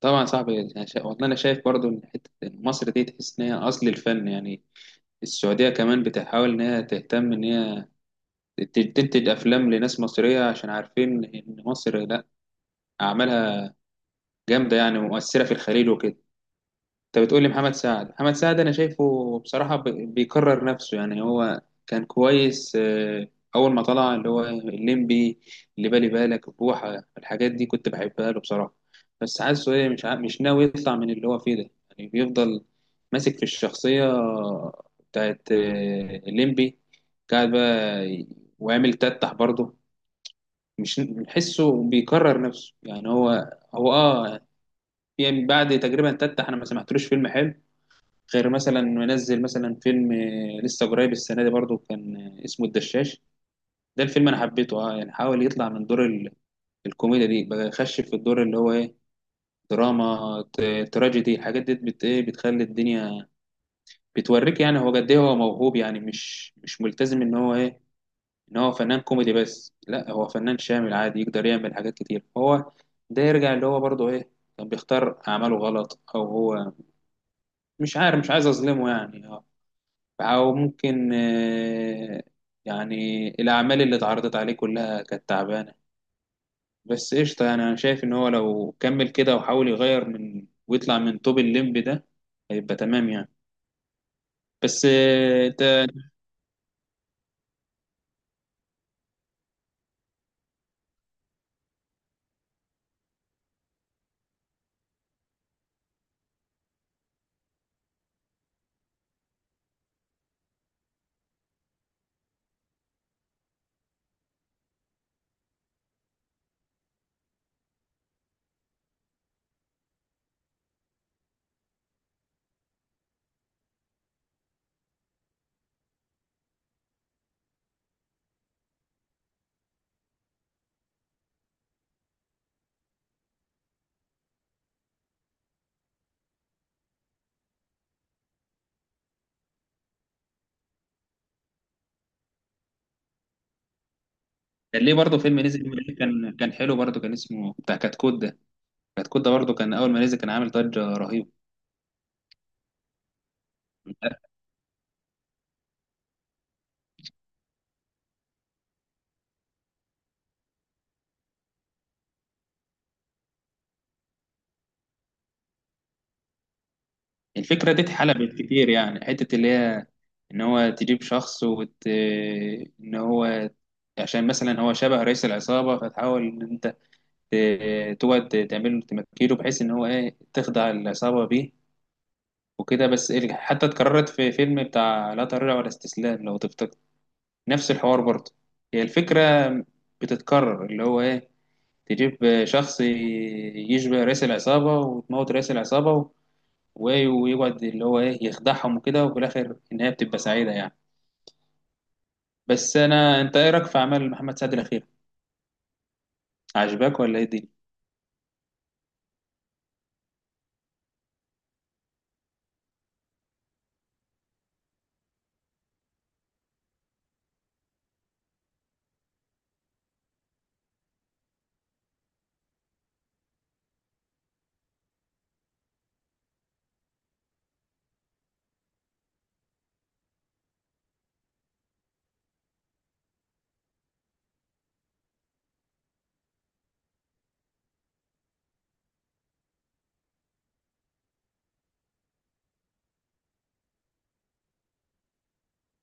طبعا صعب يعني والله انا شايف برضو ان حته إن مصر دي تحس ان هي اصل الفن يعني. السعوديه كمان بتحاول ان هي تهتم ان تنتج افلام لناس مصريه عشان عارفين ان مصر لا اعمالها جامده يعني ومؤثره في الخليج وكده. انت بتقول لي محمد سعد انا شايفه بصراحه بيكرر نفسه يعني هو كان كويس اول ما طلع اللي هو الليمبي، اللي بالي بالك بوحه الحاجات دي كنت بحبها له بصراحه. بس حاسه ايه مش ناوي يطلع من اللي هو فيه ده، يعني بيفضل ماسك في الشخصيه بتاعت الليمبي، قاعد بقى وعامل تتح برضه. مش بحسه بيكرر نفسه يعني هو اه. يعني بعد تقريبا تتح انا ما سمعتلوش فيلم حلو غير مثلا منزل مثلا فيلم لسه قريب السنه دي برضو كان اسمه الدشاش. ده الفيلم انا حبيته اه، يعني حاول يطلع من دور الكوميديا دي بقى يخش في الدور اللي هو ايه، دراما تراجيدي الحاجات دي بت ايه بتخلي الدنيا بتوريك يعني هو قد ايه، هو موهوب يعني مش ملتزم ان هو ايه، ان هو فنان كوميدي بس لا هو فنان شامل عادي يقدر يعمل حاجات كتير. هو ده يرجع اللي هو برضو ايه، كان بيختار اعماله غلط او هو مش عارف، مش عايز اظلمه يعني. أو ممكن يعني الأعمال اللي اتعرضت عليه كلها كانت تعبانة. بس قشطة، يعني أنا شايف إن هو لو كمل كده وحاول يغير من ويطلع من طوب الليمب ده هيبقى تمام يعني. بس أنت كان ليه برضه فيلم نزل من قريب كان حلو برضه، كان اسمه بتاع كتكوت ده. كتكوت ده برضه كان أول ما نزل كان عامل ضجة رهيبة. الفكرة دي اتحلبت كتير، يعني حتة اللي هي إن هو تجيب شخص وت... آه، إن هو عشان مثلا هو شبه رئيس العصابة، فتحاول إن أنت تقعد تعمل له تمكيله بحيث ان هو ايه، تخدع العصابه بيه وكده. بس حتى اتكررت في فيلم بتاع لا تراجع ولا استسلام لو تفتكر، نفس الحوار برضه. هي الفكره بتتكرر اللي هو ايه، تجيب شخص يشبه رئيس العصابه وتموت رئيس العصابه، ويقعد اللي هو ايه يخدعهم وكده، وفي الاخر النهايه بتبقى سعيده يعني. بس انا انت ايه رايك في اعمال محمد سعد الاخير، عجبك ولا ايه دي؟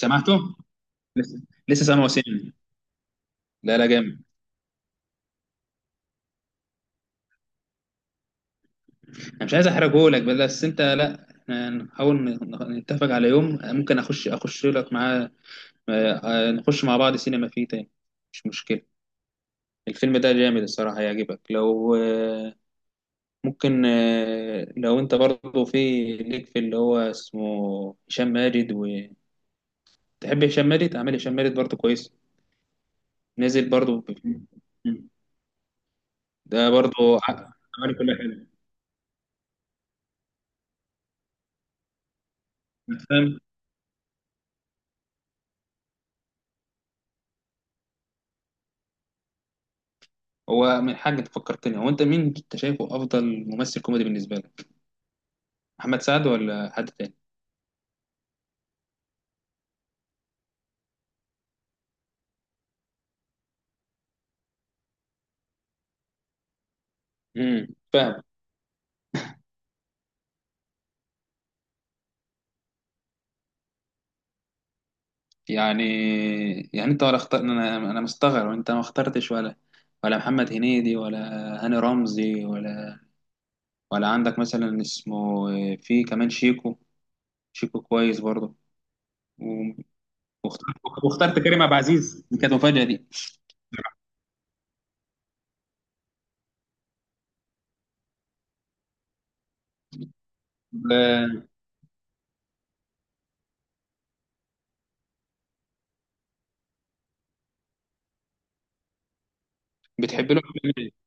سمعته لسه. لسه سامعه سين. لا لا جامد، انا مش عايز احرجه لك، بس انت لا احنا نحاول نتفق على يوم ممكن اخش لك معاه. آه، نخش مع بعض سينما فيه تاني، مش مشكلة. الفيلم ده جامد الصراحة هيعجبك. لو ممكن لو انت برضه في ليك في اللي هو اسمه هشام ماجد وتحب، هشام ماجد عمل، هشام ماجد برضه كويس، نزل برضه ده برضه عمل كل حاجة. فاهم. هو من حاجة فكرتني، هو انت مين انت شايفه افضل ممثل كوميدي بالنسبة لك، محمد سعد ولا حد تاني؟ امم، فاهم. يعني يعني انت ولا اختار، انا مستغرب انت ما اخترتش ولا، ولا محمد هنيدي ولا هاني رمزي ولا، ولا عندك مثلا اسمه في كمان شيكو، شيكو كويس برضه. و- واخترت واخترت كريم عبد العزيز، دي كانت مفاجأة دي. ب- بتحب له أفلام إيه؟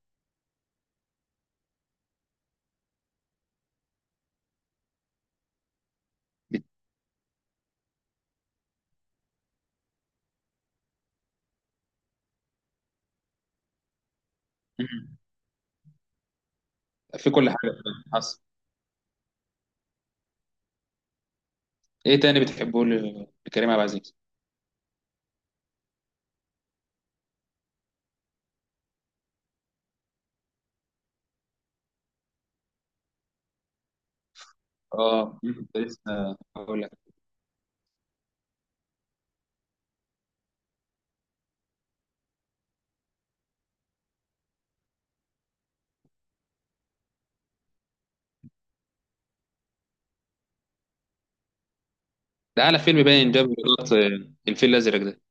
بت- مم. في كل حاجة؟ حصل. ايه تاني بتحبه لكريم عبد العزيز؟ اه، كنت لسه هقول لك، ده اعلى فيلم باين جاب ايرادات، الفيل الازرق ده.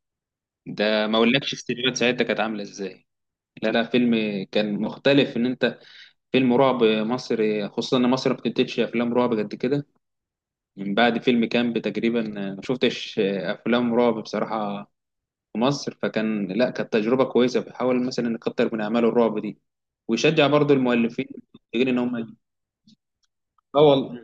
ده ما اقولكش السيناريوهات ساعتها كانت عامله ازاي. لا لا فيلم كان مختلف ان انت، فيلم رعب مصري خصوصا ان مصر ما بتنتجش افلام رعب قد كده. من بعد فيلم كامب تقريبا ما شفتش افلام رعب بصراحه في مصر، فكان لا كانت تجربه كويسه، بحاول مثلا نكتر من اعمال الرعب دي، ويشجع برضو المؤلفين المنتجين ان هم. اه والله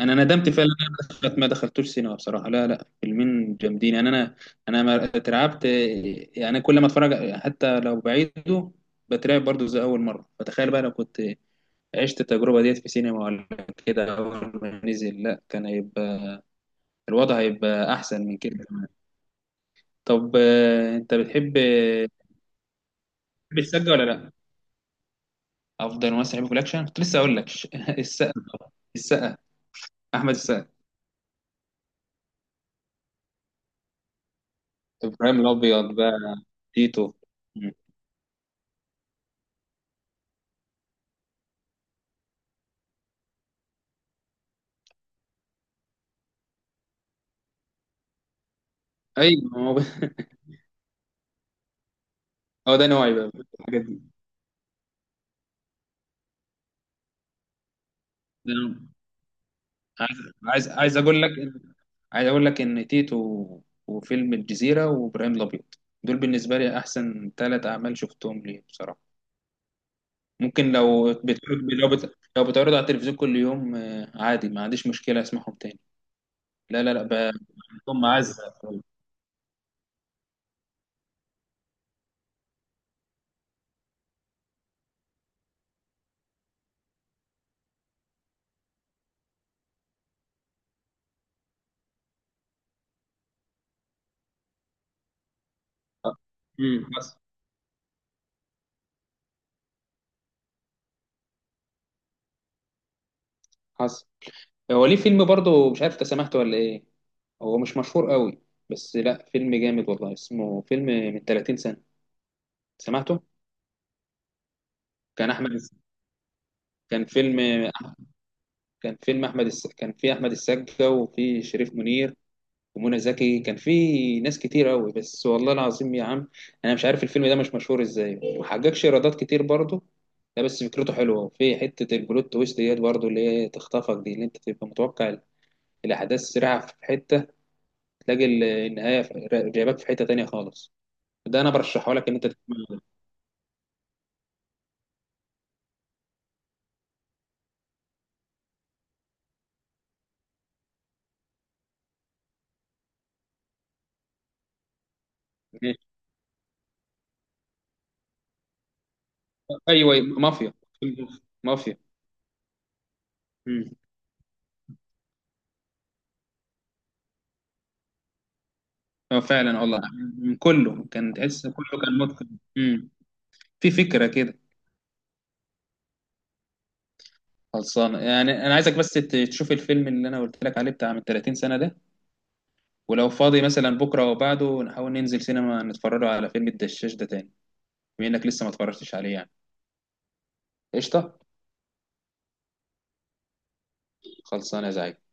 انا ندمت فعلا ان انا دخلت ما دخلتوش سينما بصراحه. لا لا فيلمين جامدين يعني. انا ما اترعبت، يعني أنا كل ما اتفرج حتى لو بعيده بترعب برضو زي اول مره، فتخيل بقى لو كنت عشت التجربه ديت في سينما ولا كده اول ما نزل، لا كان هيبقى الوضع هيبقى احسن من كده كمان. طب انت بتحب السقا ولا لا؟ افضل ممثل بحبه في الاكشن كنت لسه اقول لك، السقا طبعاً. السقا، احمد السقا، ابراهيم الابيض بقى، تيتو. ايوه ما هو هو ده نوعي بقى في الحاجات دي، ده نوعي. عايز عايز عايز اقول لك إن- عايز اقول لك ان تيتو وفيلم الجزيره وابراهيم الابيض، دول بالنسبه لي احسن 3 اعمال شفتهم ليه بصراحه. ممكن لو بتعرض لو بتعرض على التلفزيون كل يوم عادي ما عنديش مشكله اسمعهم تاني. لا لا لا ب- بحبهم معزه. امم، حصل. حصل. هو ليه فيلم برضه مش عارف انت سمعته ولا ايه، هو مش مشهور قوي، بس لا فيلم جامد والله، اسمه فيلم من 30 سنه. سمعته؟ كان احمد كان فيلم كان فيلم، كان في احمد السقا وفي شريف منير ومنى زكي، كان في ناس كتير قوي. بس والله العظيم يا عم انا مش عارف الفيلم ده مش مشهور ازاي، وما حققش ايرادات كتير برضه. ده بس فكرته حلوه في حته البلوت تويست ديت برضه اللي هي تخطفك دي، اللي انت تبقى متوقع الاحداث سريعه في حته، تلاقي جايباك في حته تانية خالص. ده انا برشحه لك ان انت تتفرج عليه. ايوه مافيا. فيلم مافيا. مم. اه فعلا والله، من كله كان تحس كله كان متقن. امم. في فكره كده. خلصانه يعني. انا عايزك بس تشوف الفيلم اللي انا قلت لك عليه بتاع من 30 سنه ده، ولو فاضي مثلا بكره او بعده نحاول ننزل سينما نتفرج على فيلم الدشاش ده تاني، بما انك لسه ما اتفرجتش عليه يعني. قشطه. خلصانه يا زعيم.